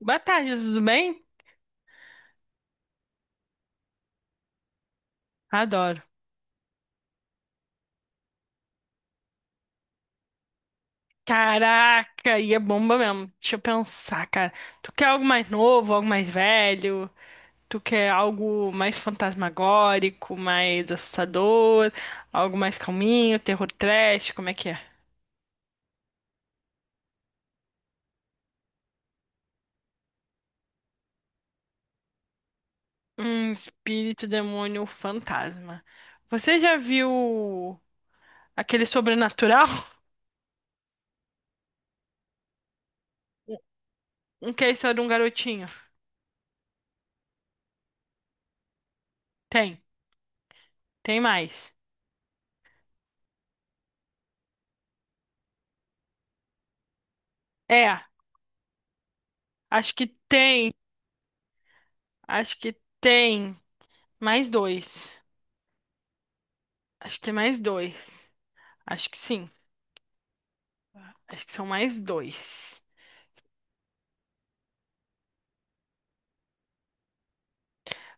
Boa tarde, tudo bem? Adoro. Caraca, e é bomba mesmo. Deixa eu pensar, cara. Tu quer algo mais novo, algo mais velho? Tu quer algo mais fantasmagórico, mais assustador? Algo mais calminho, terror trash? Como é que é? Espírito, demônio, fantasma. Você já viu aquele sobrenatural? Um que é a história de um garotinho? Tem, tem mais. É, acho que tem, acho que tem. Mais dois. Acho que tem mais dois. Acho que sim. Acho que são mais dois.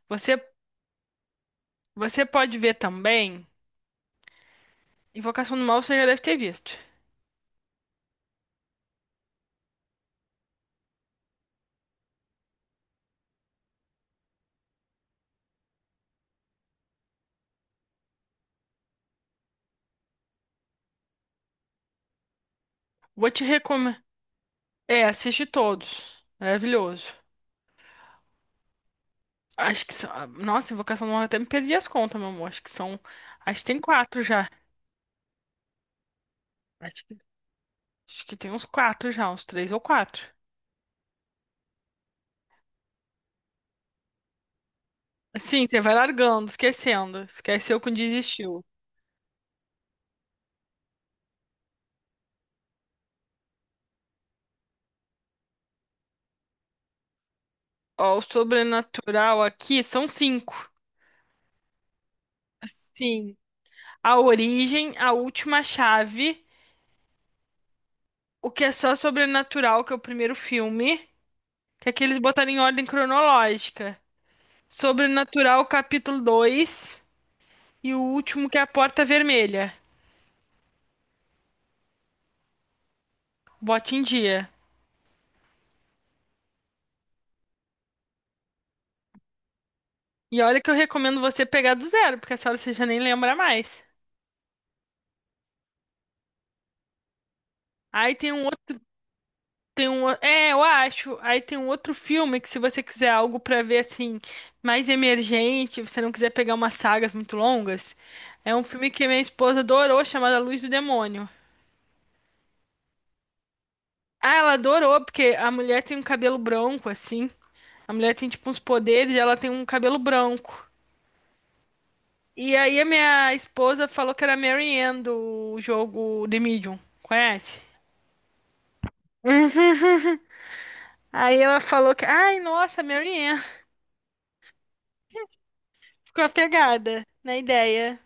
Você, você pode ver também. Invocação do Mal você já deve ter visto. Vou te recomendar. É, assiste todos. Maravilhoso. Acho que são. Nossa, Invocação do Mal eu até me perdi as contas, meu amor. Acho que são. Acho que tem quatro já. Acho que, acho que tem uns quatro já, uns três ou quatro. Sim, você vai largando, esquecendo. Esqueceu quando desistiu. Ó, o sobrenatural aqui são cinco. Sim. A Origem, A Última Chave, o que é só Sobrenatural, que é o primeiro filme, que aqui eles botaram em ordem cronológica. Sobrenatural, capítulo 2 e o último, que é A Porta Vermelha. Bote em dia. E olha que eu recomendo você pegar do zero, porque essa hora você já nem lembra mais. Aí tem um outro. Tem um, é, eu acho. Aí tem um outro filme que, se você quiser algo pra ver assim mais emergente, você não quiser pegar umas sagas muito longas, é um filme que minha esposa adorou, chamado A Luz do Demônio. Ah, ela adorou porque a mulher tem um cabelo branco assim. A mulher tem tipo uns poderes, e ela tem um cabelo branco. E aí a minha esposa falou que era a Mary Ann do jogo The Medium. Conhece? Uhum. Aí ela falou que, ai, nossa, Mary Ann. Ficou apegada na ideia.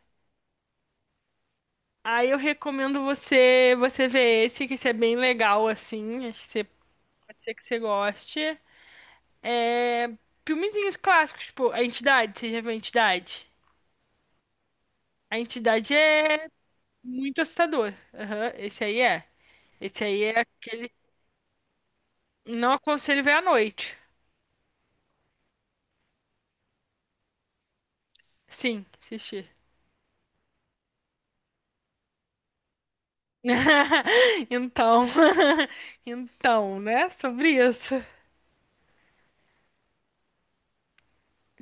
Aí eu recomendo você ver esse, que esse é bem legal, assim. Acho que você, pode ser que você goste. Filmezinhos clássicos, tipo A Entidade. Você já viu A Entidade? A Entidade é muito assustador. Aham, esse aí é. Esse aí é aquele... Não aconselho ver à noite. Sim, assistir. Então, então, né? Sobre isso.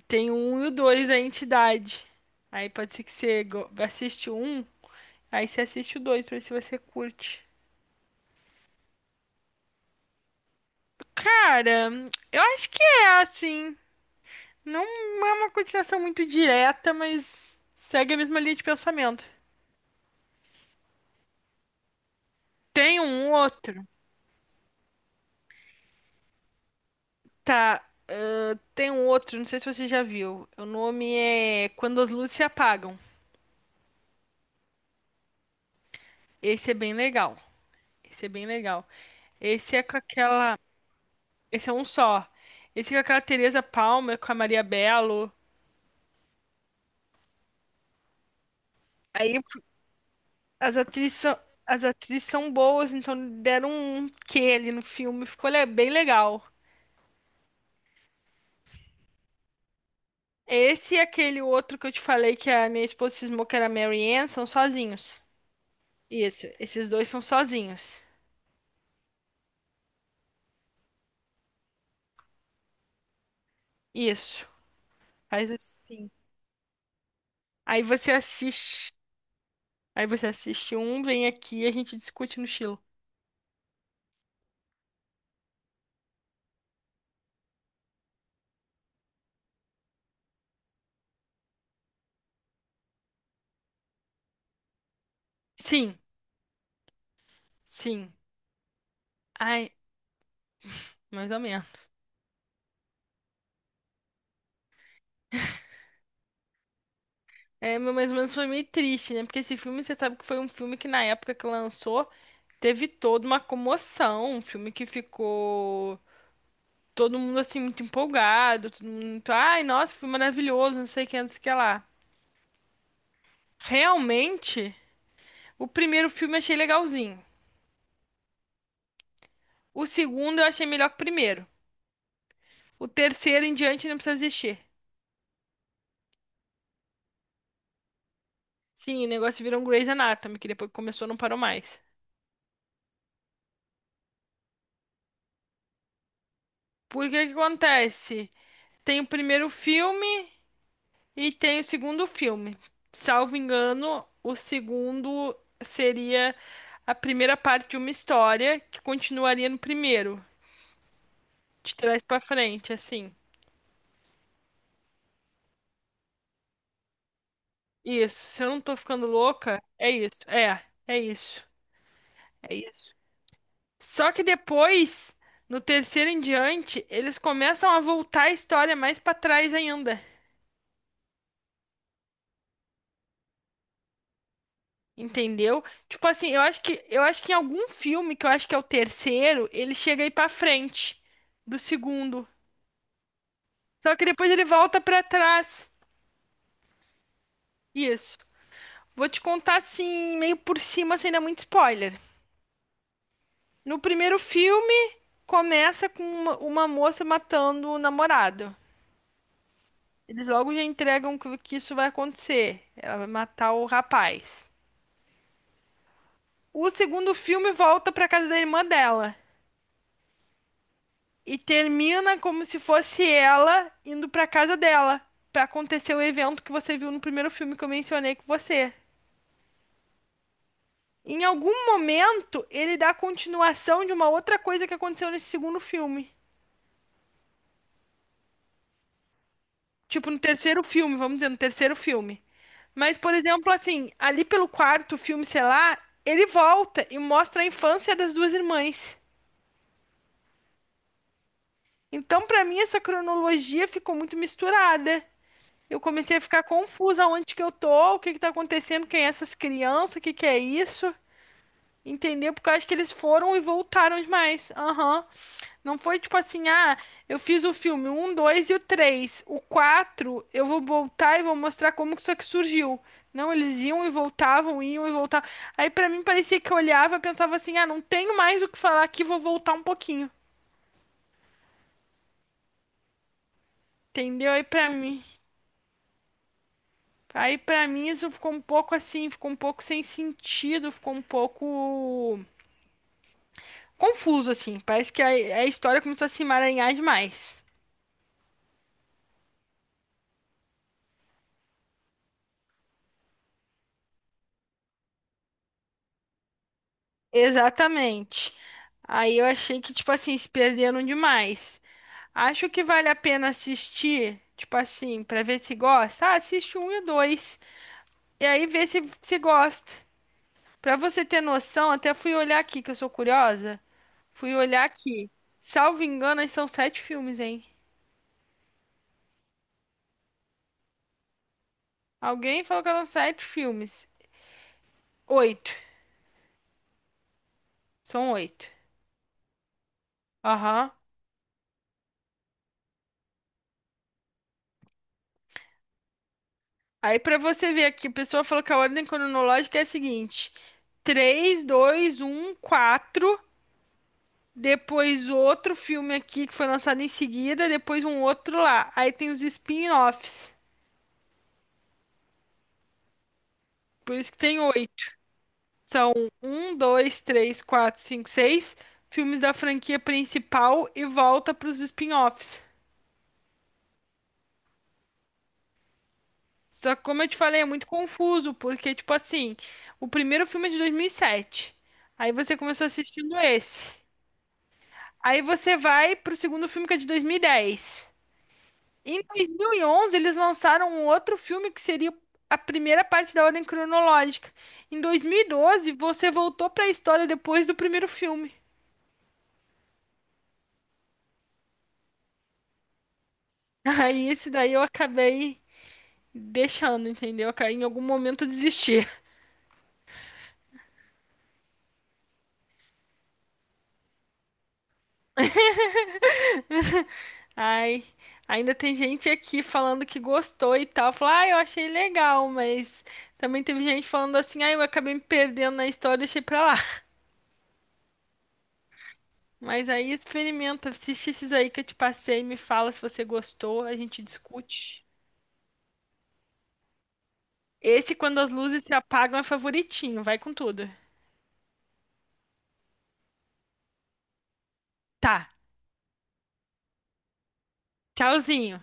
Tem o um e o dois da entidade. Aí pode ser que você assiste o um, aí você assiste o dois pra ver se você curte. Cara, eu acho que é assim. Não é uma continuação muito direta, mas segue a mesma linha de pensamento. Tem um outro, tá? Ah, tem um outro, não sei se você já viu. O nome é Quando as Luzes Se Apagam. Esse é bem legal. Esse é bem legal. Esse é com aquela. Esse é um só. Esse é com aquela Teresa Palmer, com a Maria Bello. Aí as atrizes são, as atrizes são boas, então deram um quê ali no filme. Ficou bem legal. Esse e aquele outro que eu te falei que a minha esposa cismou que era Mary Ann são sozinhos. Isso, esses dois são sozinhos. Isso, faz assim. Aí você assiste. Aí você assiste um, vem aqui e a gente discute no estilo. Sim, sim. Ai, mais ou menos. É, mas mais ou menos foi meio triste, né? Porque esse filme, você sabe que foi um filme que na época que lançou, teve toda uma comoção. Um filme que ficou todo mundo assim muito empolgado, todo mundo muito, ai, nossa, foi maravilhoso, não sei o que, não sei o que lá. Realmente, o primeiro filme eu achei legalzinho. O segundo eu achei melhor que o primeiro. O terceiro em diante não precisa existir. Sim, o negócio virou um Grey's Anatomy, que depois que começou não parou mais. Por que que acontece? Tem o primeiro filme e tem o segundo filme. Salvo engano, o segundo seria a primeira parte de uma história que continuaria no primeiro, de trás pra frente, assim. Isso, se eu não tô ficando louca, é isso. É, é isso. É isso. Só que depois, no terceiro em diante, eles começam a voltar a história mais pra trás ainda. Entendeu? Tipo assim, eu acho que em algum filme que eu acho que é o terceiro, ele chega aí pra frente do segundo. Só que depois ele volta pra trás. Isso. Vou te contar assim, meio por cima, sem dar muito spoiler. No primeiro filme, começa com uma moça matando o namorado. Eles logo já entregam que isso vai acontecer. Ela vai matar o rapaz. O segundo filme volta pra casa da irmã dela e termina como se fosse ela indo pra casa dela pra acontecer o evento que você viu no primeiro filme que eu mencionei com você. Em algum momento, ele dá continuação de uma outra coisa que aconteceu nesse segundo filme. Tipo, no terceiro filme, vamos dizer, no terceiro filme. Mas, por exemplo, assim, ali pelo quarto filme, sei lá, ele volta e mostra a infância das duas irmãs. Então, pra mim, essa cronologia ficou muito misturada. Eu comecei a ficar confusa onde que eu tô, o que que tá acontecendo, quem é essas crianças, o que que é isso? Entendeu? Porque eu acho que eles foram e voltaram demais. Aham. Não foi tipo assim, ah, eu fiz o filme um, 2 e o três. O 4, eu vou voltar e vou mostrar como que isso aqui surgiu. Não, eles iam e voltavam, iam e voltavam. Aí pra mim parecia que eu olhava e pensava assim, ah, não tenho mais o que falar aqui, vou voltar um pouquinho. Entendeu? Aí pra mim isso ficou um pouco assim, ficou um pouco sem sentido, ficou um pouco confuso assim. Parece que a história começou a se emaranhar demais. Exatamente. Aí eu achei que tipo assim, se perderam demais. Acho que vale a pena assistir, tipo assim, pra ver se gosta. Ah, assiste um e o dois e aí vê se gosta. Pra você ter noção, até fui olhar aqui que eu sou curiosa. Fui olhar aqui. Salvo engano, são sete filmes, hein? Alguém falou que eram sete filmes. Oito. São oito. Aham. Aí pra você ver aqui, a pessoa falou que a ordem cronológica é a seguinte: três, dois, um, quatro. Depois outro filme aqui que foi lançado em seguida. Depois um outro lá. Aí tem os spin-offs. Por isso que tem oito. São um, dois, três, quatro, cinco, seis filmes da franquia principal e volta pros spin-offs. Só que, como eu te falei, é muito confuso, porque, tipo assim, o primeiro filme é de 2007. Aí você começou assistindo esse. Aí você vai pro segundo filme que é de 2010. Em 2011, eles lançaram um outro filme que seria a primeira parte da ordem cronológica. Em 2012, você voltou pra história depois do primeiro filme. Aí esse daí eu acabei deixando, entendeu? Em algum momento eu desisti. Ai, ainda tem gente aqui falando que gostou e tal. Falar, ah, eu achei legal, mas também teve gente falando assim, ah, eu acabei me perdendo na história, deixei pra lá. Mas aí experimenta, assiste esses aí que eu te passei, me fala se você gostou, a gente discute. Esse, quando as luzes se apagam, é favoritinho, vai com tudo. Tá, tchauzinho.